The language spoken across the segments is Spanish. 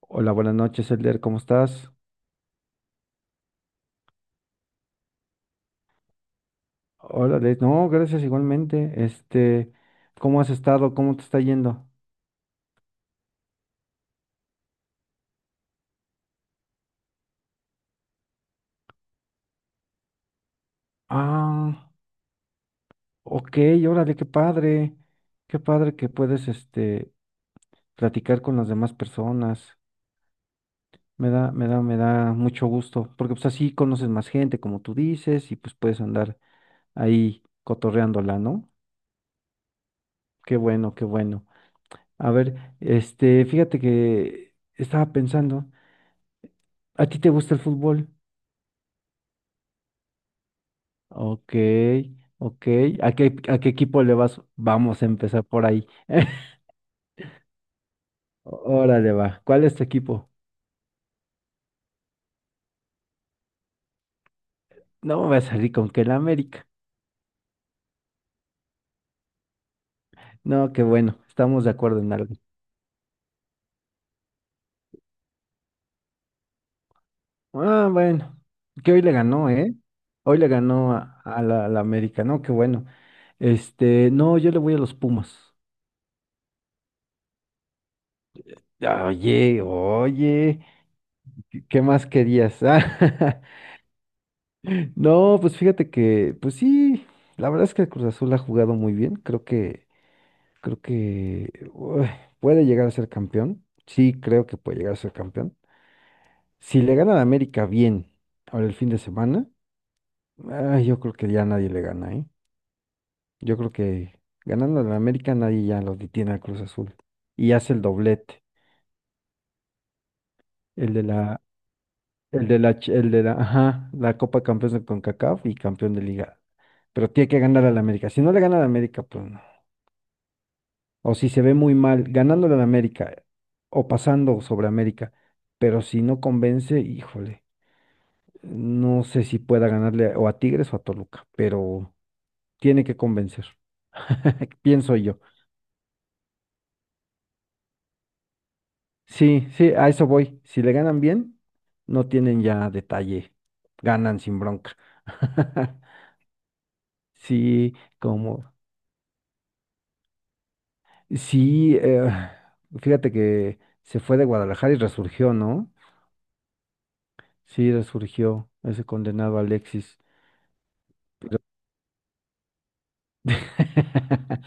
Hola, buenas noches, Elder, ¿cómo estás? Hola, Les. No, gracias igualmente. ¿Cómo has estado? ¿Cómo te está yendo? Ah, ok, órale, qué padre. Qué padre que puedes, platicar con las demás personas. Me da mucho gusto, porque pues así conoces más gente, como tú dices, y pues puedes andar ahí cotorreándola, ¿no? Qué bueno, qué bueno. A ver, fíjate que estaba pensando, ¿a ti te gusta el fútbol? Ok, ok. ¿A qué equipo le vas? Vamos a empezar por ahí. Órale, va. ¿Cuál es tu equipo? No me voy a salir con que el América. No, qué bueno. Estamos de acuerdo en algo. Ah, bueno. Que hoy le ganó, ¿eh? Hoy le ganó a la América. No, qué bueno. No, yo le voy a los Pumas. Ah, oye, oye. ¿Qué más querías? Ah, no, pues fíjate que, pues sí. La verdad es que el Cruz Azul ha jugado muy bien. Creo que puede llegar a ser campeón. Sí, creo que puede llegar a ser campeón. Si le gana a América bien ahora el fin de semana, yo creo que ya nadie le gana, ¿eh? Yo creo que ganando a América nadie ya lo detiene al Cruz Azul. Y hace el doblete. El de la, el de la, ch- el de la, ajá, la Copa Campeones de CONCACAF y campeón de Liga. Pero tiene que ganar al América. Si no le gana al América, pues no. O si se ve muy mal, ganándole al América o pasando sobre América, pero si no convence, híjole, no sé si pueda ganarle o a Tigres o a Toluca, pero tiene que convencer, pienso yo. Sí, sí, a eso voy. Si le ganan bien, no tienen ya detalle, ganan sin bronca. Sí, como, sí, fíjate que se fue de Guadalajara y resurgió, ¿no? Sí, resurgió ese condenado Alexis.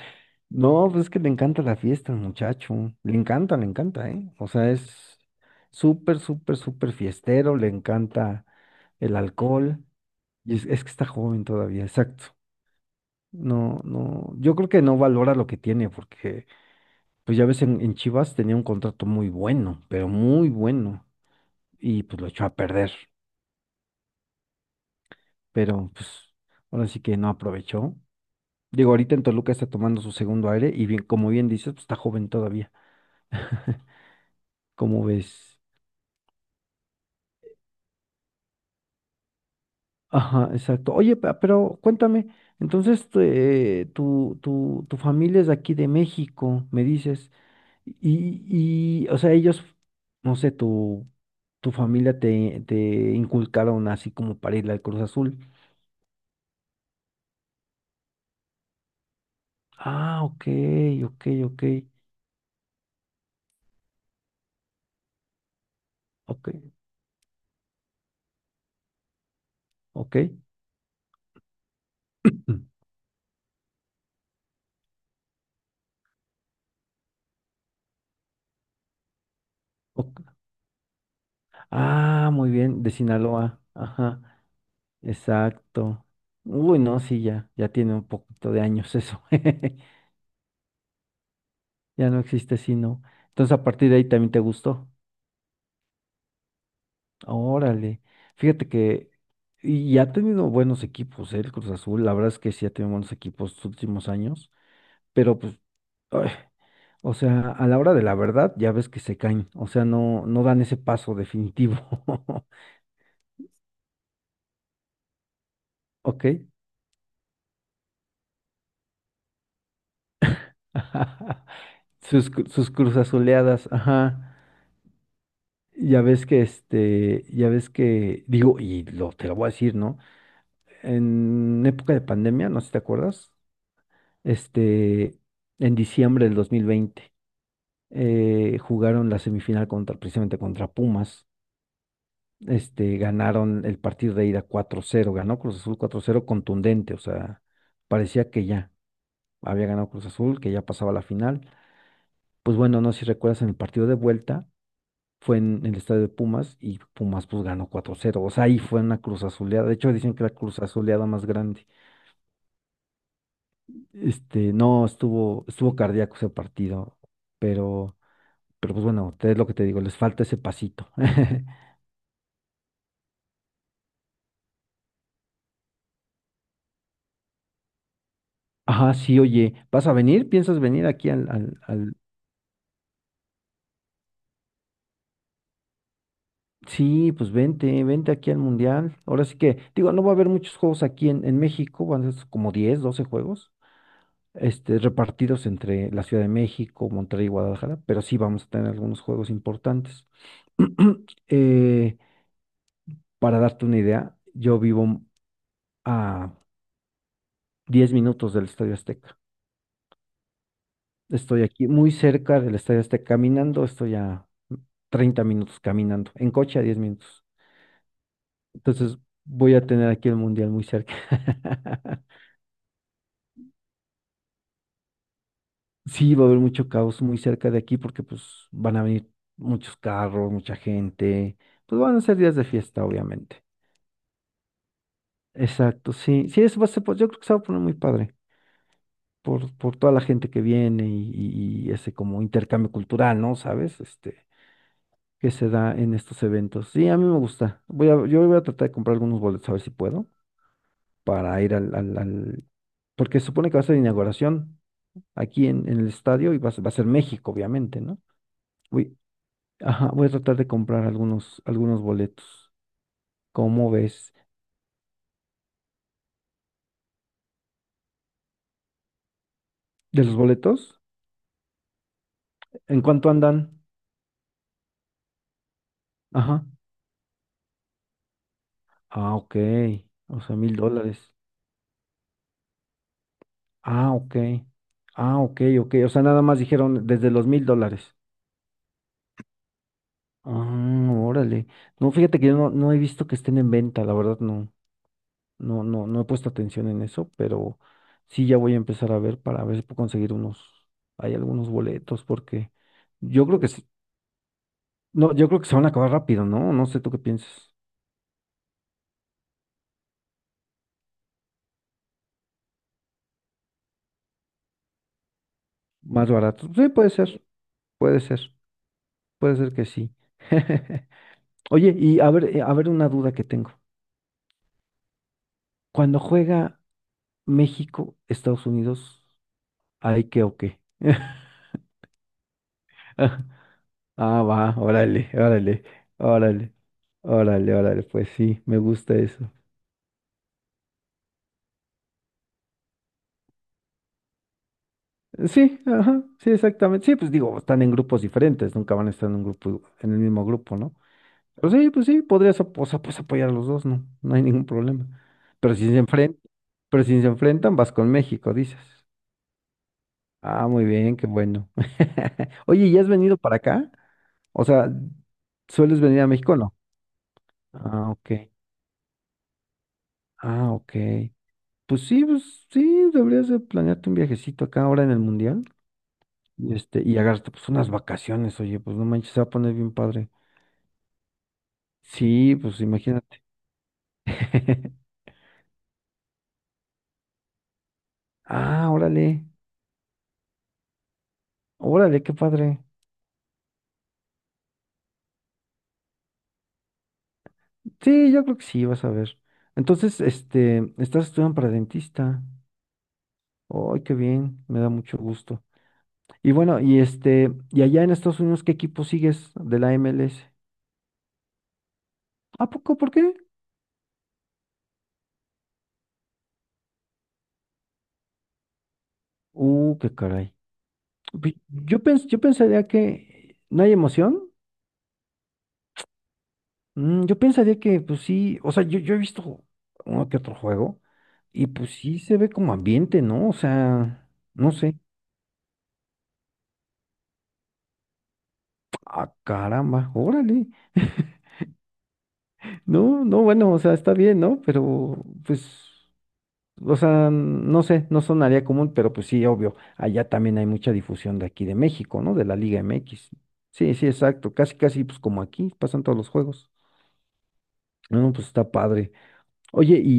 No, pues es que le encanta la fiesta al muchacho. Le encanta, ¿eh? O sea, es súper, súper, súper fiestero. Le encanta el alcohol. Y es que está joven todavía, exacto. No, no. Yo creo que no valora lo que tiene, porque, pues ya ves, en Chivas tenía un contrato muy bueno, pero muy bueno. Y pues lo echó a perder. Pero, pues, ahora sí que no aprovechó. Digo, ahorita en Toluca está tomando su segundo aire. Y bien, como bien dices, pues está joven todavía. como ves? Ajá, exacto. Oye, pero cuéntame, entonces tu familia es de aquí de México, me dices, y, o sea, ellos, no sé, tu familia te inculcaron así como para ir al Cruz Azul. Ah, ok, ok, ok, ok, ok. Mm, ok. Ah, muy bien, de Sinaloa, ajá, exacto. Uy, no, sí, ya tiene un poquito de años eso. Ya no existe sino. Entonces a partir de ahí también te gustó. Órale. Fíjate que y ha tenido buenos equipos, ¿eh? El Cruz Azul, la verdad es que sí ha tenido buenos equipos los últimos años, pero pues, ay, o sea, a la hora de la verdad ya ves que se caen, o sea, no dan ese paso definitivo. ¿Ok? Sus Cruz Azuleadas, ajá. Ya ves que, digo, y te lo voy a decir, ¿no? En época de pandemia, no sé si te acuerdas, este, en diciembre del 2020. Jugaron la semifinal contra, precisamente contra Pumas. Ganaron el partido de ida 4-0. Ganó Cruz Azul 4-0, contundente, o sea, parecía que ya había ganado Cruz Azul, que ya pasaba la final. Pues bueno, no sé si recuerdas en el partido de vuelta, fue en el estadio de Pumas y Pumas pues ganó 4-0. O sea, ahí fue una Cruz Azuleada, de hecho dicen que la Cruz Azuleada más grande. No, estuvo cardíaco ese partido, pero Pero pues bueno, es lo que te digo, les falta ese pasito. Ajá, sí, oye, ¿vas a venir? ¿Piensas venir aquí Sí, pues vente, vente aquí al Mundial. Ahora sí que, digo, no va a haber muchos juegos aquí en México, van a ser como 10 12 juegos, repartidos entre la Ciudad de México, Monterrey y Guadalajara, pero sí vamos a tener algunos juegos importantes. Eh, para darte una idea, yo vivo a 10 minutos del Estadio Azteca. Estoy aquí muy cerca del Estadio Azteca caminando, estoy a 30 minutos caminando, en coche a 10 minutos. Entonces voy a tener aquí el mundial muy cerca. Sí, va a haber mucho caos muy cerca de aquí porque pues van a venir muchos carros, mucha gente. Pues van a ser días de fiesta, obviamente. Exacto, sí. Sí, eso va a ser, pues, yo creo que se va a poner muy padre por toda la gente que viene y, y ese como intercambio cultural, ¿no? ¿Sabes? Que se da en estos eventos. Sí, a mí me gusta. Yo voy a tratar de comprar algunos boletos a ver si puedo para ir porque se supone que va a ser inauguración aquí en el estadio y va a ser México, obviamente, ¿no? Voy, ajá, voy a tratar de comprar algunos boletos. ¿Cómo ves? ¿De los boletos? ¿En cuánto andan? Ajá. Ah, ok. O sea, mil dólares. Ah, ok. Ah, ok, ok. O sea, nada más dijeron desde los mil dólares. Ah, órale. No, fíjate que yo no he visto que estén en venta, la verdad no he puesto atención en eso, pero sí ya voy a empezar a ver para ver si puedo conseguir unos, hay algunos boletos, porque yo creo que sí- no, yo creo que se van a acabar rápido, ¿no? No sé tú qué piensas. Más barato. Sí, puede ser, puede ser, puede ser que sí. Oye, y a ver una duda que tengo. Cuando juega México, Estados Unidos, ¿hay qué o qué? Ah, va, órale, órale, órale, órale, órale, pues sí, me gusta eso. Sí, ajá, sí, exactamente. Sí, pues digo, están en grupos diferentes, nunca van a estar en un grupo, en el mismo grupo, ¿no? Pero sí, pues sí, podrías o sea, pues apoyar a los dos, ¿no? No hay ningún problema. Pero si se enfrentan, pero si se enfrentan, vas con México, dices. Ah, muy bien, qué bueno. Oye, ¿y has venido para acá? O sea, ¿sueles venir a México o no? Ah, ok. Ah, ok. Pues sí, deberías de planearte un viajecito acá ahora en el mundial. Y agarrarte pues unas vacaciones, oye, pues no manches, se va a poner bien padre. Sí, pues imagínate. Ah, órale, órale, qué padre. Sí, yo creo que sí, vas a ver. Entonces, estás estudiando para dentista. Ay, qué bien, me da mucho gusto. Y bueno, y y allá en Estados Unidos, ¿qué equipo sigues de la MLS? ¿A poco? ¿Por qué? Qué caray. Pi- yo pensaría que no hay emoción. Yo pensaría que, pues sí, o sea, yo he visto uno que otro juego y pues sí se ve como ambiente, ¿no? O sea, no sé. Ah, caramba, órale. No, no, bueno, o sea, está bien, ¿no? Pero, pues, o sea, no sé, no sonaría común, pero pues sí, obvio, allá también hay mucha difusión de aquí de México, ¿no? De la Liga MX. Sí, sí, exacto, casi, casi, pues como aquí, pasan todos los juegos. No, pues está padre. Oye, y,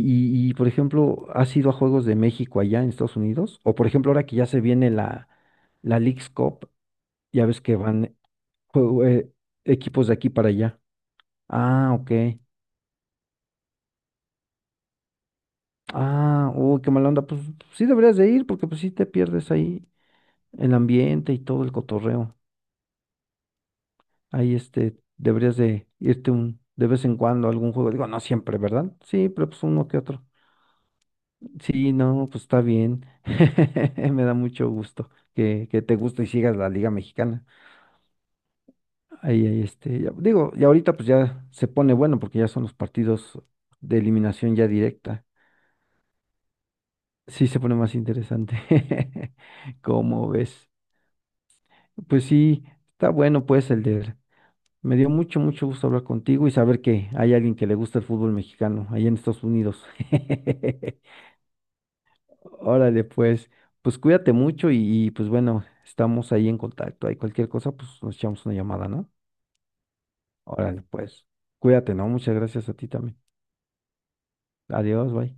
y, y, por ejemplo, ¿has ido a Juegos de México allá en Estados Unidos? O por ejemplo, ahora que ya se viene la Leagues Cup, ya ves que van jue- eh, equipos de aquí para allá. Ah, ok. Ah, uy, qué mala onda. Pues sí deberías de ir porque pues sí te pierdes ahí el ambiente y todo el cotorreo. Ahí deberías de irte de vez en cuando a algún juego. Digo, no siempre, ¿verdad? Sí, pero pues uno que otro. Sí, no, pues está bien. Me da mucho gusto que te guste y sigas la Liga Mexicana. Ahí, ahí, digo, y ahorita pues ya se pone bueno porque ya son los partidos de eliminación ya directa. Sí, se pone más interesante. ¿Cómo ves? Pues sí, está bueno pues el de... Me dio mucho, mucho gusto hablar contigo y saber que hay alguien que le gusta el fútbol mexicano allá en Estados Unidos. Órale, pues, cuídate mucho y pues bueno, estamos ahí en contacto. Hay cualquier cosa, pues nos echamos una llamada, ¿no? Órale, pues, cuídate, ¿no? Muchas gracias a ti también. Adiós, bye.